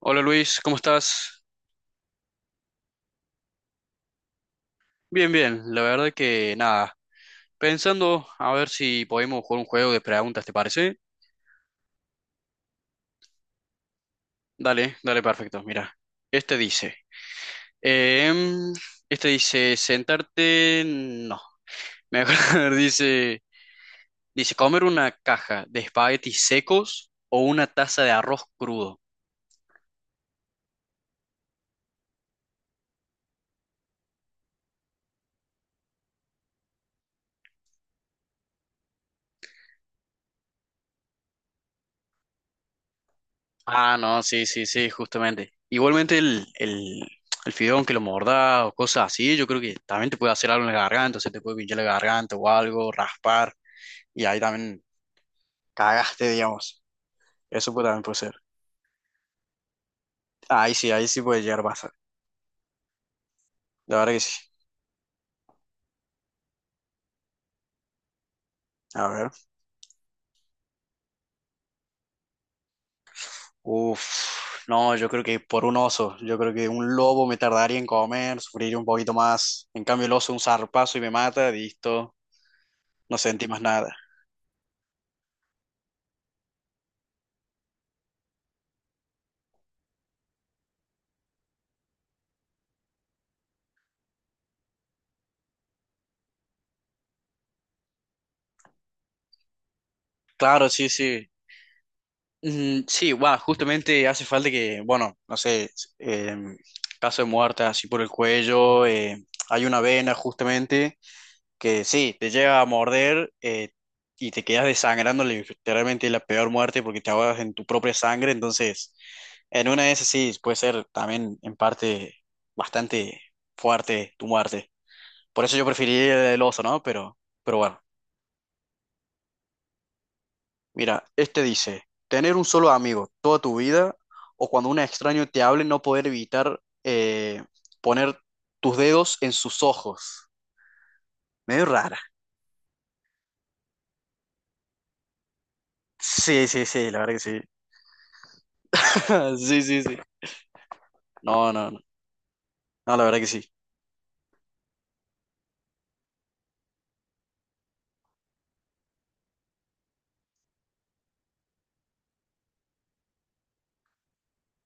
Hola Luis, ¿cómo estás? Bien, bien, la verdad que nada. Pensando a ver si podemos jugar un juego de preguntas, ¿te parece? Dale, dale, perfecto. Mira, este dice, em, este dice sentarte, no, mejor dice comer una caja de espaguetis secos o una taza de arroz crudo. Ah, no, sí, sí, sí, justamente. Igualmente el fideo, aunque lo mordás o cosas así, yo creo que también te puede hacer algo en la garganta, o sea, te puede pinchar la garganta o algo, raspar, y ahí también cagaste, digamos. Eso puede, también puede ser. Ahí sí puede llegar a pasar. La verdad que sí. A ver. Uf, no, yo creo que por un oso, yo creo que un lobo me tardaría en comer, sufriría un poquito más. En cambio el oso un zarpazo y me mata, listo, no sentí más nada. Claro, sí, sí. Mm, sí, bueno, justamente hace falta que, bueno, no sé, eh, caso de muerte así por el cuello, hay una vena justamente que sí, te llega a morder y te quedas desangrando, literalmente la peor muerte porque te ahogas en tu propia sangre, entonces en una de esas sí puede ser también en parte bastante fuerte tu muerte. Por eso yo preferiría el oso, ¿no? Pero bueno. Mira, este dice, tener un solo amigo toda tu vida o cuando un extraño te hable no poder evitar poner tus dedos en sus ojos. Medio rara. Sí, sí, sí, la verdad que sí. Sí, sí, sí. No, no, no. No, la verdad que sí.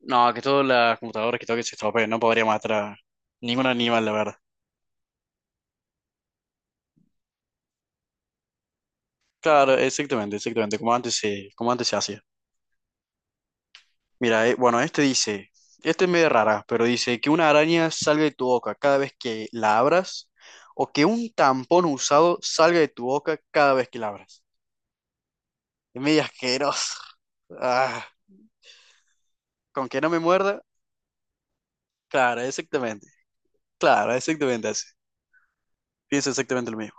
No, que todas las computadoras que toquen se estropeen. No podría matar a ningún animal, la verdad. Claro, exactamente, exactamente. Como antes se hacía. Mira, bueno, este dice, este es medio rara, pero dice que una araña salga de tu boca cada vez que la abras o que un tampón usado salga de tu boca cada vez que la abras. Es medio asqueroso. Ah, con que no me muerda, claro, exactamente. Claro, exactamente así. Pienso exactamente lo mismo.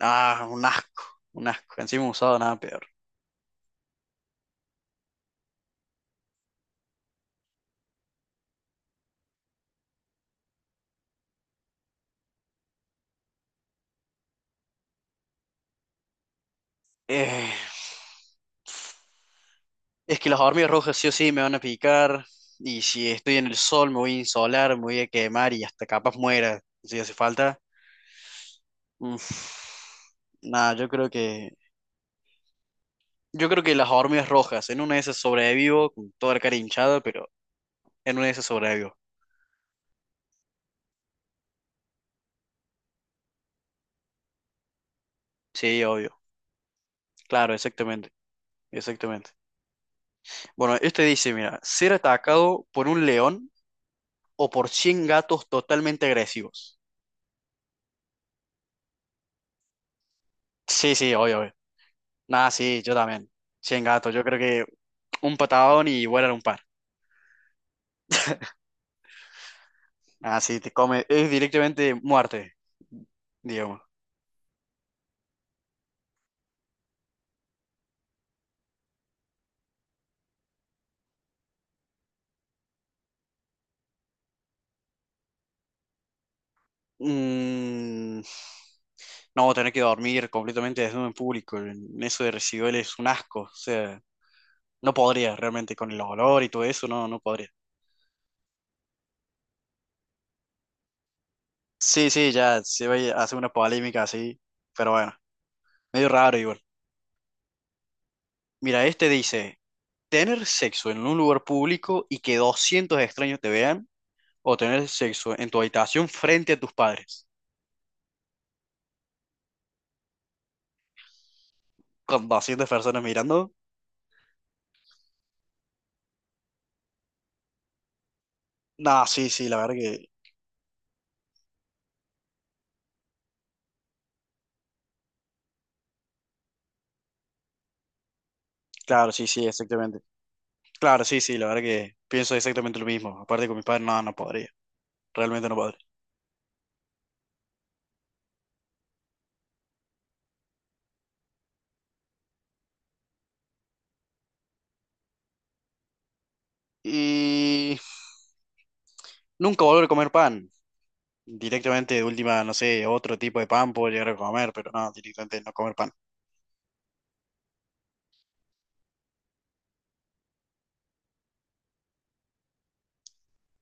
Ah, un asco, un asco. Encima usado nada peor. Eh, es que las hormigas rojas sí o sí me van a picar. Y si estoy en el sol, me voy a insolar, me voy a quemar y hasta capaz muera si hace falta. Nada, yo creo que. Yo creo que las hormigas rojas. En una de esas sobrevivo con toda la cara hinchada, pero en una de esas sobrevivo. Sí, obvio. Claro, exactamente. Exactamente. Bueno, este dice, mira, ser atacado por un león o por 100 gatos totalmente agresivos. Sí, sí, obvio, obvio. Nada, sí, yo también. 100 gatos, yo creo que un patadón y vuelan un par. Ah, sí, te come. Es directamente muerte, digamos. Mm, No, tener que dormir completamente desnudo en público, en eso de residual es un asco, o sea, no podría realmente con el olor y todo eso, no, no podría. Sí, sí, ya se va a hacer una polémica así, pero bueno, medio raro igual. Mira, este dice, tener sexo en un lugar público y que 200 extraños te vean, o tener sexo en tu habitación frente a tus padres, con 200 personas mirando. No, sí, sí, la verdad que, claro, sí, sí, exactamente. Claro, sí, sí, la verdad que pienso exactamente lo mismo, aparte con mis padres, no, no podría. Realmente no podré. Y nunca volver a comer pan. Directamente, de última, no sé, otro tipo de pan puedo llegar a comer, pero no, directamente no comer pan.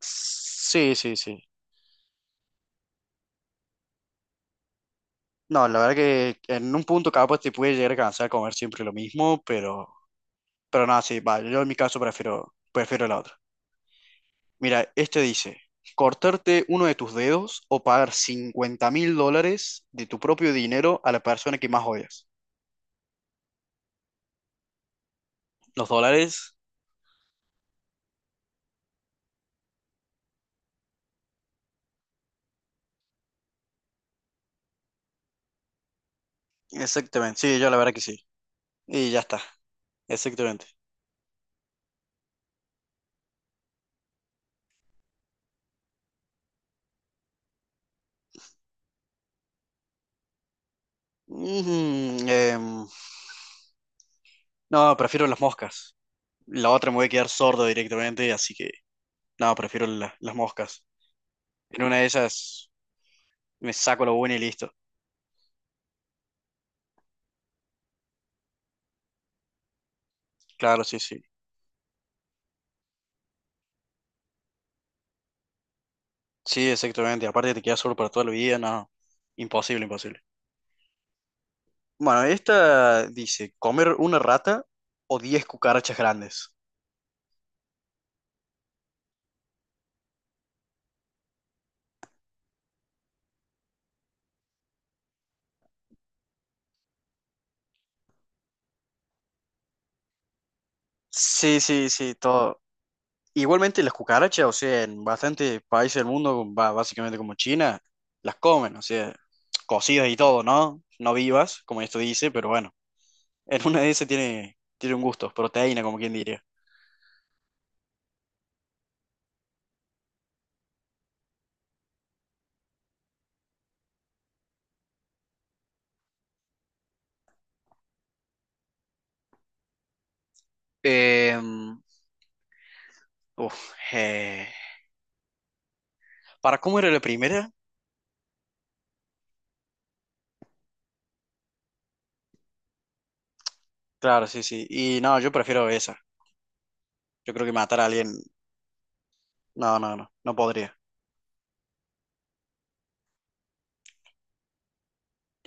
Sí, sí, sí. No, la verdad que en un punto capaz te puede llegar a cansar comer siempre lo mismo, pero nada, sí, va, yo en mi caso prefiero, prefiero la otra. Mira, este dice, cortarte uno de tus dedos o pagar 50.000 dólares de tu propio dinero a la persona que más odias. Los dólares, exactamente, sí, yo la verdad que sí. Y ya está. Exactamente. Mm, em, no, prefiero las moscas. La otra me voy a quedar sordo directamente, así que no, prefiero las moscas. En una de ellas me saco lo bueno y listo. Claro, sí, sí. Sí, exactamente. Aparte te quedas sordo para toda la vida, no. Imposible, imposible. Bueno, esta dice, comer una rata o 10 cucarachas grandes. Sí, sí, sí, todo. Igualmente las cucarachas, o sea, en bastantes países del mundo, básicamente como China, las comen, o sea, cocidas y todo, ¿no? No vivas, como esto dice, pero bueno, en una de esas tiene, tiene un gusto, proteína, como quien diría. Em, uf, eh, ¿Para cómo era la primera? Claro, sí, sí. Y no, yo prefiero esa. Yo creo que matar a alguien, no, no, no, no podría.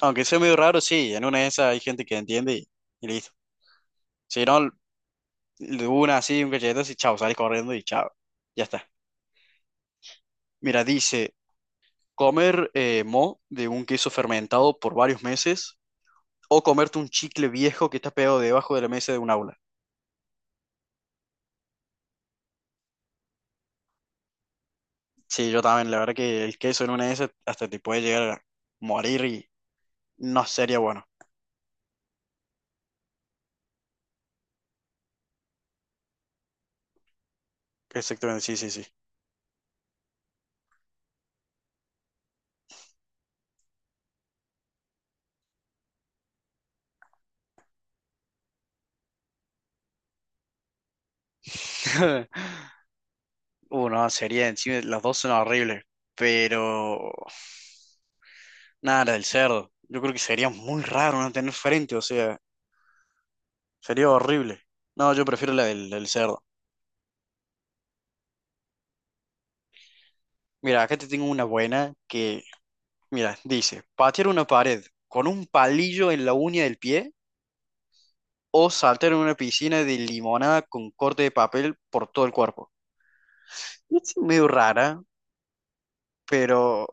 Aunque sea medio raro, sí, en una de esas hay gente que entiende y listo. Si no, de una así, un cachetazo y chao, salís corriendo y chao, ya está. Mira, dice, comer mo de un queso fermentado por varios meses o comerte un chicle viejo que está pegado debajo de la mesa de un aula. Sí, yo también, la verdad que el queso en una de esas hasta te puede llegar a morir y no sería bueno. Exactamente, sí, sí, sí. Uno, sería encima, las dos son horribles, pero nada, la del cerdo. Yo creo que sería muy raro no tener frente, o sea, sería horrible. No, yo prefiero la del cerdo. Mira, acá te tengo una buena que. Mira, dice, patear una pared con un palillo en la uña del pie o saltar en una piscina de limonada con corte de papel por todo el cuerpo. Es medio rara, pero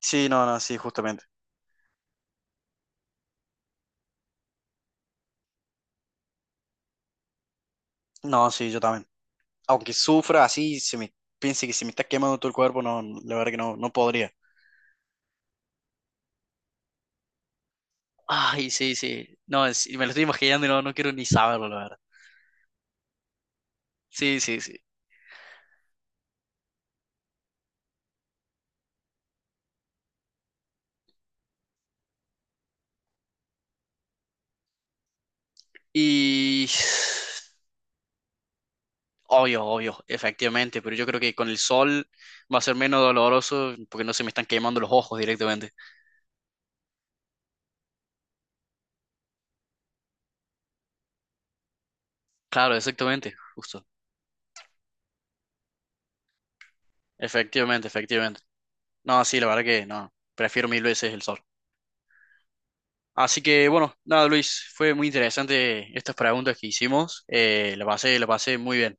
sí, no, no, sí, justamente. No, sí, yo también. Aunque sufra así, se me piense que se me está quemando todo el cuerpo, no, la verdad que no, no podría. Ay, sí, sí. No, me lo estoy imaginando y no, no quiero ni saberlo, la verdad. Sí, sí, sí. Y obvio, obvio, efectivamente, pero yo creo que con el sol va a ser menos doloroso porque no se me están quemando los ojos directamente. Claro, exactamente, justo. Efectivamente, efectivamente. No, sí, la verdad que no, prefiero mil veces el sol. Así que bueno, nada, Luis, fue muy interesante estas preguntas que hicimos. La pasé muy bien.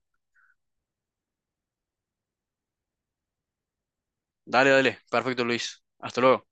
Dale, dale, perfecto, Luis. Hasta luego.